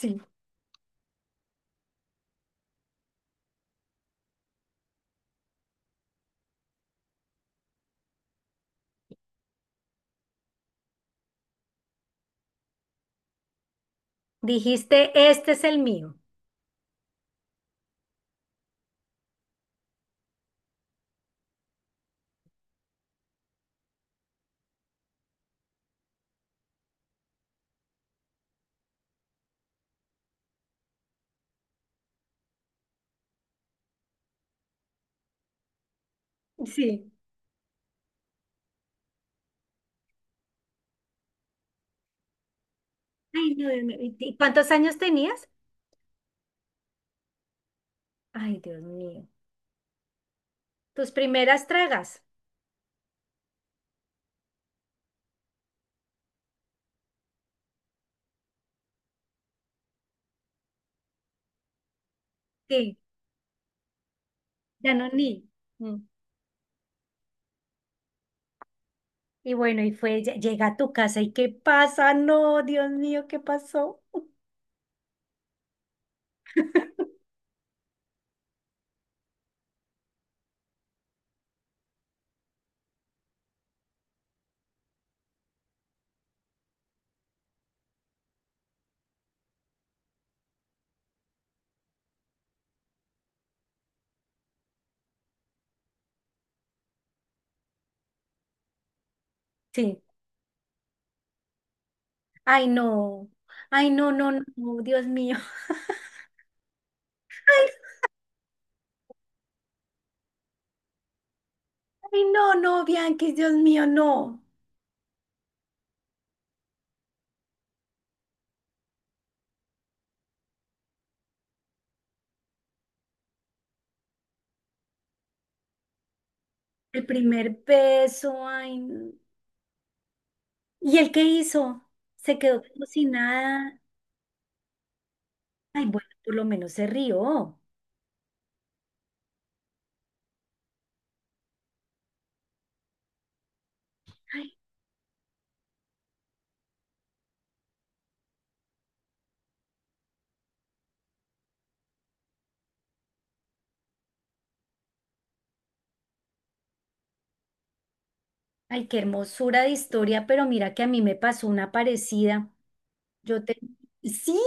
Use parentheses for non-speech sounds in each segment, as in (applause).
Sí. Dijiste, este es el mío. Sí. Ay, no, Dios mío. ¿Y cuántos años tenías? Ay, Dios mío. Tus primeras tragas. Sí. Ya no ni. Mm. Y bueno, llega a tu casa y ¿qué pasa? No, Dios mío, ¿qué pasó? Sí. Ay, no. Ay, no, no, no, Dios mío. (laughs) Ay, no, no, Bianquis, Dios mío, no. El primer beso, ay, no. ¿Y él qué hizo? Se quedó como si nada. Ay, bueno, por lo menos se rió. Ay, ay, qué hermosura de historia, pero mira que a mí me pasó una parecida. Yo te... Sí,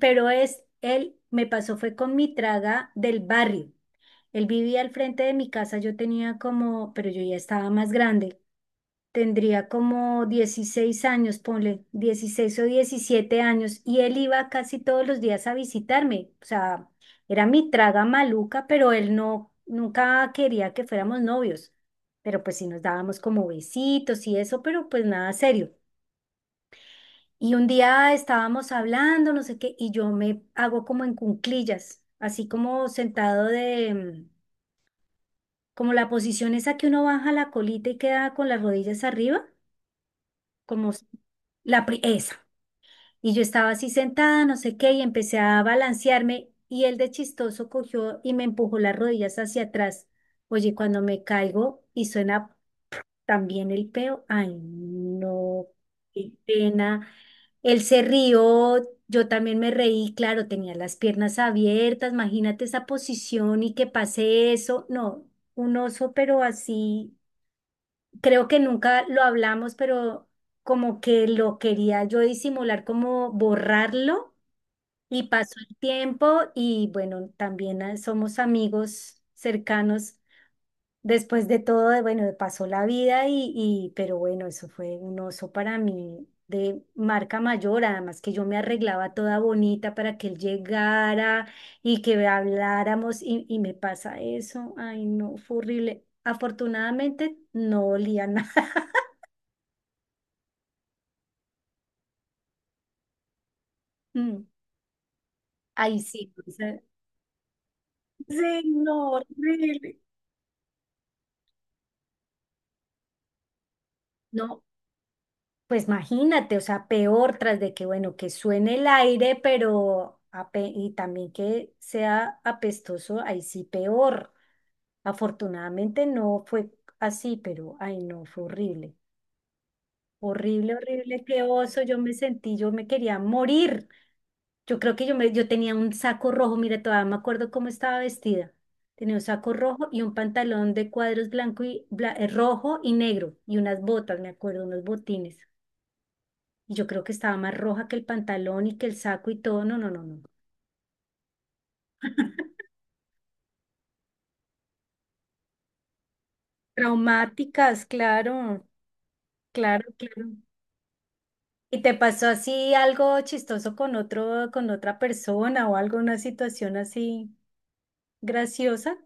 pero es, él me pasó fue con mi traga del barrio. Él vivía al frente de mi casa, yo tenía como, pero yo ya estaba más grande. Tendría como 16 años, ponle 16 o 17 años, y él iba casi todos los días a visitarme. O sea, era mi traga maluca, pero él no, nunca quería que fuéramos novios. Pero pues sí nos dábamos como besitos y eso, pero pues nada serio. Y un día estábamos hablando, no sé qué, y yo me hago como en cunclillas, así como sentado de, como la posición esa que uno baja la colita y queda con las rodillas arriba, como s- la pri- esa. Y yo estaba así sentada, no sé qué, y empecé a balancearme y él de chistoso cogió y me empujó las rodillas hacia atrás. Oye, cuando me caigo y suena también el peo, ay, no, qué pena. Él se rió, yo también me reí, claro, tenía las piernas abiertas, imagínate esa posición y que pase eso. No, un oso, pero así, creo que nunca lo hablamos, pero como que lo quería yo disimular, como borrarlo y pasó el tiempo y bueno, también somos amigos cercanos. Después de todo, de- bueno, pasó la vida y pero bueno, eso fue un oso para mí de marca mayor, además que yo me arreglaba toda bonita para que él llegara y que habláramos y me pasa eso. Ay, no, fue horrible. Afortunadamente no olía nada. (laughs) Mm. Ay, sí, o sea, sí, no, horrible. No, pues imagínate, o sea, peor tras de que, bueno, que suene el aire, pero ape- y también que sea apestoso, ahí sí peor. Afortunadamente no fue así, pero ay no, fue horrible. Horrible, horrible, qué oso, yo me sentí, yo me quería morir. Yo creo que yo me, yo tenía un saco rojo, mira, todavía me acuerdo cómo estaba vestida. Tenía un saco rojo y un pantalón de cuadros blanco y rojo y negro y unas botas, me acuerdo, unos botines. Y yo creo que estaba más roja que el pantalón y que el saco y todo. No, no, no, no. Traumáticas, claro, claro, claro. ¿Y te pasó así algo chistoso con otro, con otra persona o algo, una situación así graciosa?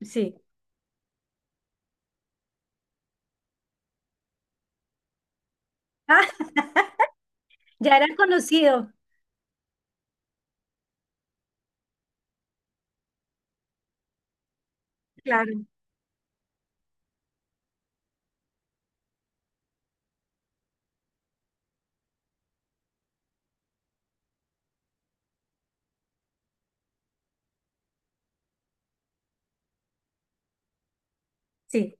Sí. Ah, (laughs) ya era conocido, claro. Sí,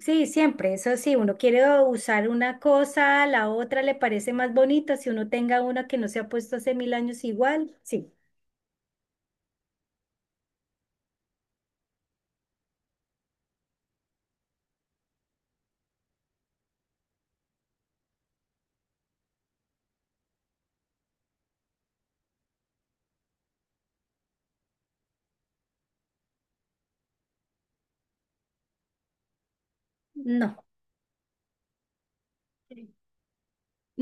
sí, siempre. Eso sí, uno quiere usar una cosa, la otra le parece más bonita. Si uno tenga una que no se ha puesto hace mil años igual, sí. No.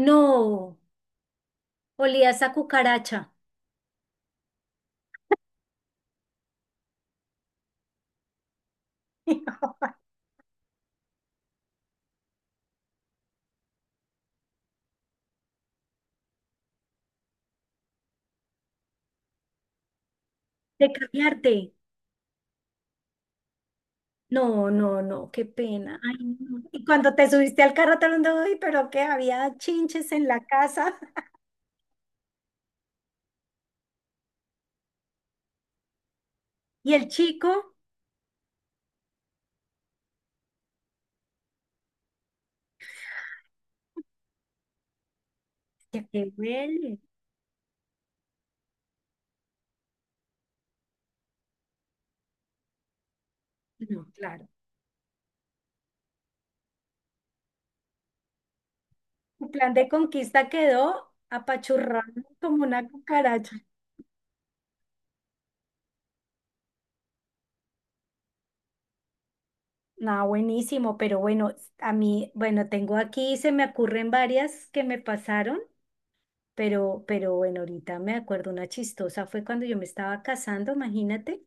No, olía esa cucaracha. (laughs) De cambiarte. No, no, no, qué pena. Ay, no. Y cuando te subiste al carro te lo ando hoy, pero que había chinches en la casa y el chico ya que te huele. No, claro. Tu plan de conquista quedó apachurrado como una cucaracha. No, buenísimo, pero bueno, a mí, bueno, tengo aquí, se me ocurren varias que me pasaron, pero bueno, ahorita me acuerdo una chistosa, fue cuando yo me estaba casando, imagínate.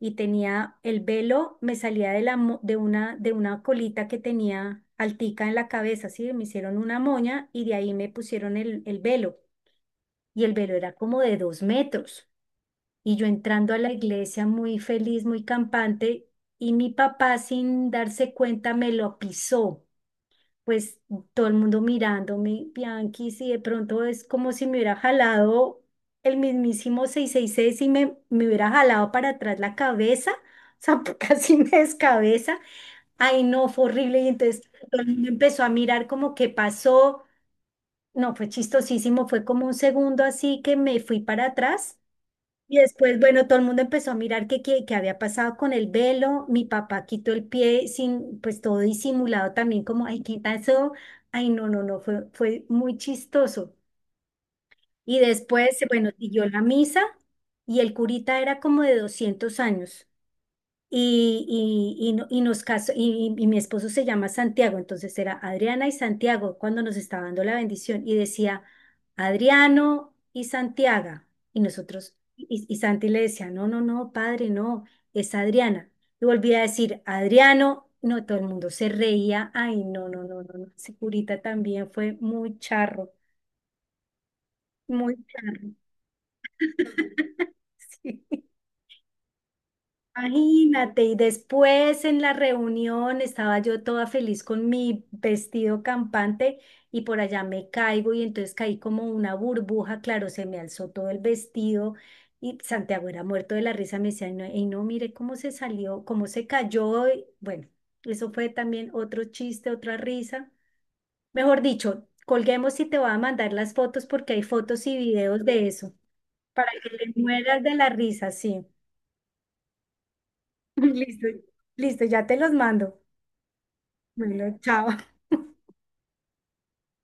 Y tenía el velo, me salía de, la, mo- de una colita que tenía altica en la cabeza, ¿sí? Me hicieron una moña y de ahí me pusieron el velo. Y el velo era como de 2 metros. Y yo entrando a la iglesia muy feliz, muy campante, y mi papá sin darse cuenta me lo pisó, pues todo el mundo mirándome, Bianchi, si de pronto es como si me hubiera jalado el mismísimo 666 y me hubiera jalado para atrás la cabeza, o sea, (laughs) casi me descabeza. Ay, no, fue horrible. Y entonces todo el mundo empezó a mirar como qué pasó. No, fue chistosísimo, fue como un segundo así que me fui para atrás y después, bueno, todo el mundo empezó a mirar qué había pasado con el velo. Mi papá quitó el pie sin, pues todo disimulado también, como, ay, ¿qué pasó? Ay, no, no, no, fue muy chistoso. Y después, bueno, siguió la misa y el curita era como de 200 años. Y, y, no- y nos casó, y mi esposo se llama Santiago, entonces era Adriana y Santiago cuando nos estaba dando la bendición y decía Adriano y Santiago. Y nosotros, y Santi le decía, no, no, no, padre, no, es Adriana. Y volvía a decir Adriano, no, todo el mundo se reía, ay, no, no, no, no, no, ese curita también fue muy charro, muy charro. (laughs) Sí. Imagínate, y después en la reunión estaba yo toda feliz con mi vestido campante y por allá me caigo y entonces caí como una burbuja, claro, se me alzó todo el vestido y Santiago era muerto de la risa, me decía, no, y no, mire cómo se salió, cómo se cayó, y bueno, eso fue también otro chiste, otra risa. Mejor dicho, colguemos y te voy a mandar las fotos porque hay fotos y videos de eso, para que le mueras de la risa, sí. (laughs) Listo, listo, ya te los mando. Bueno, chao.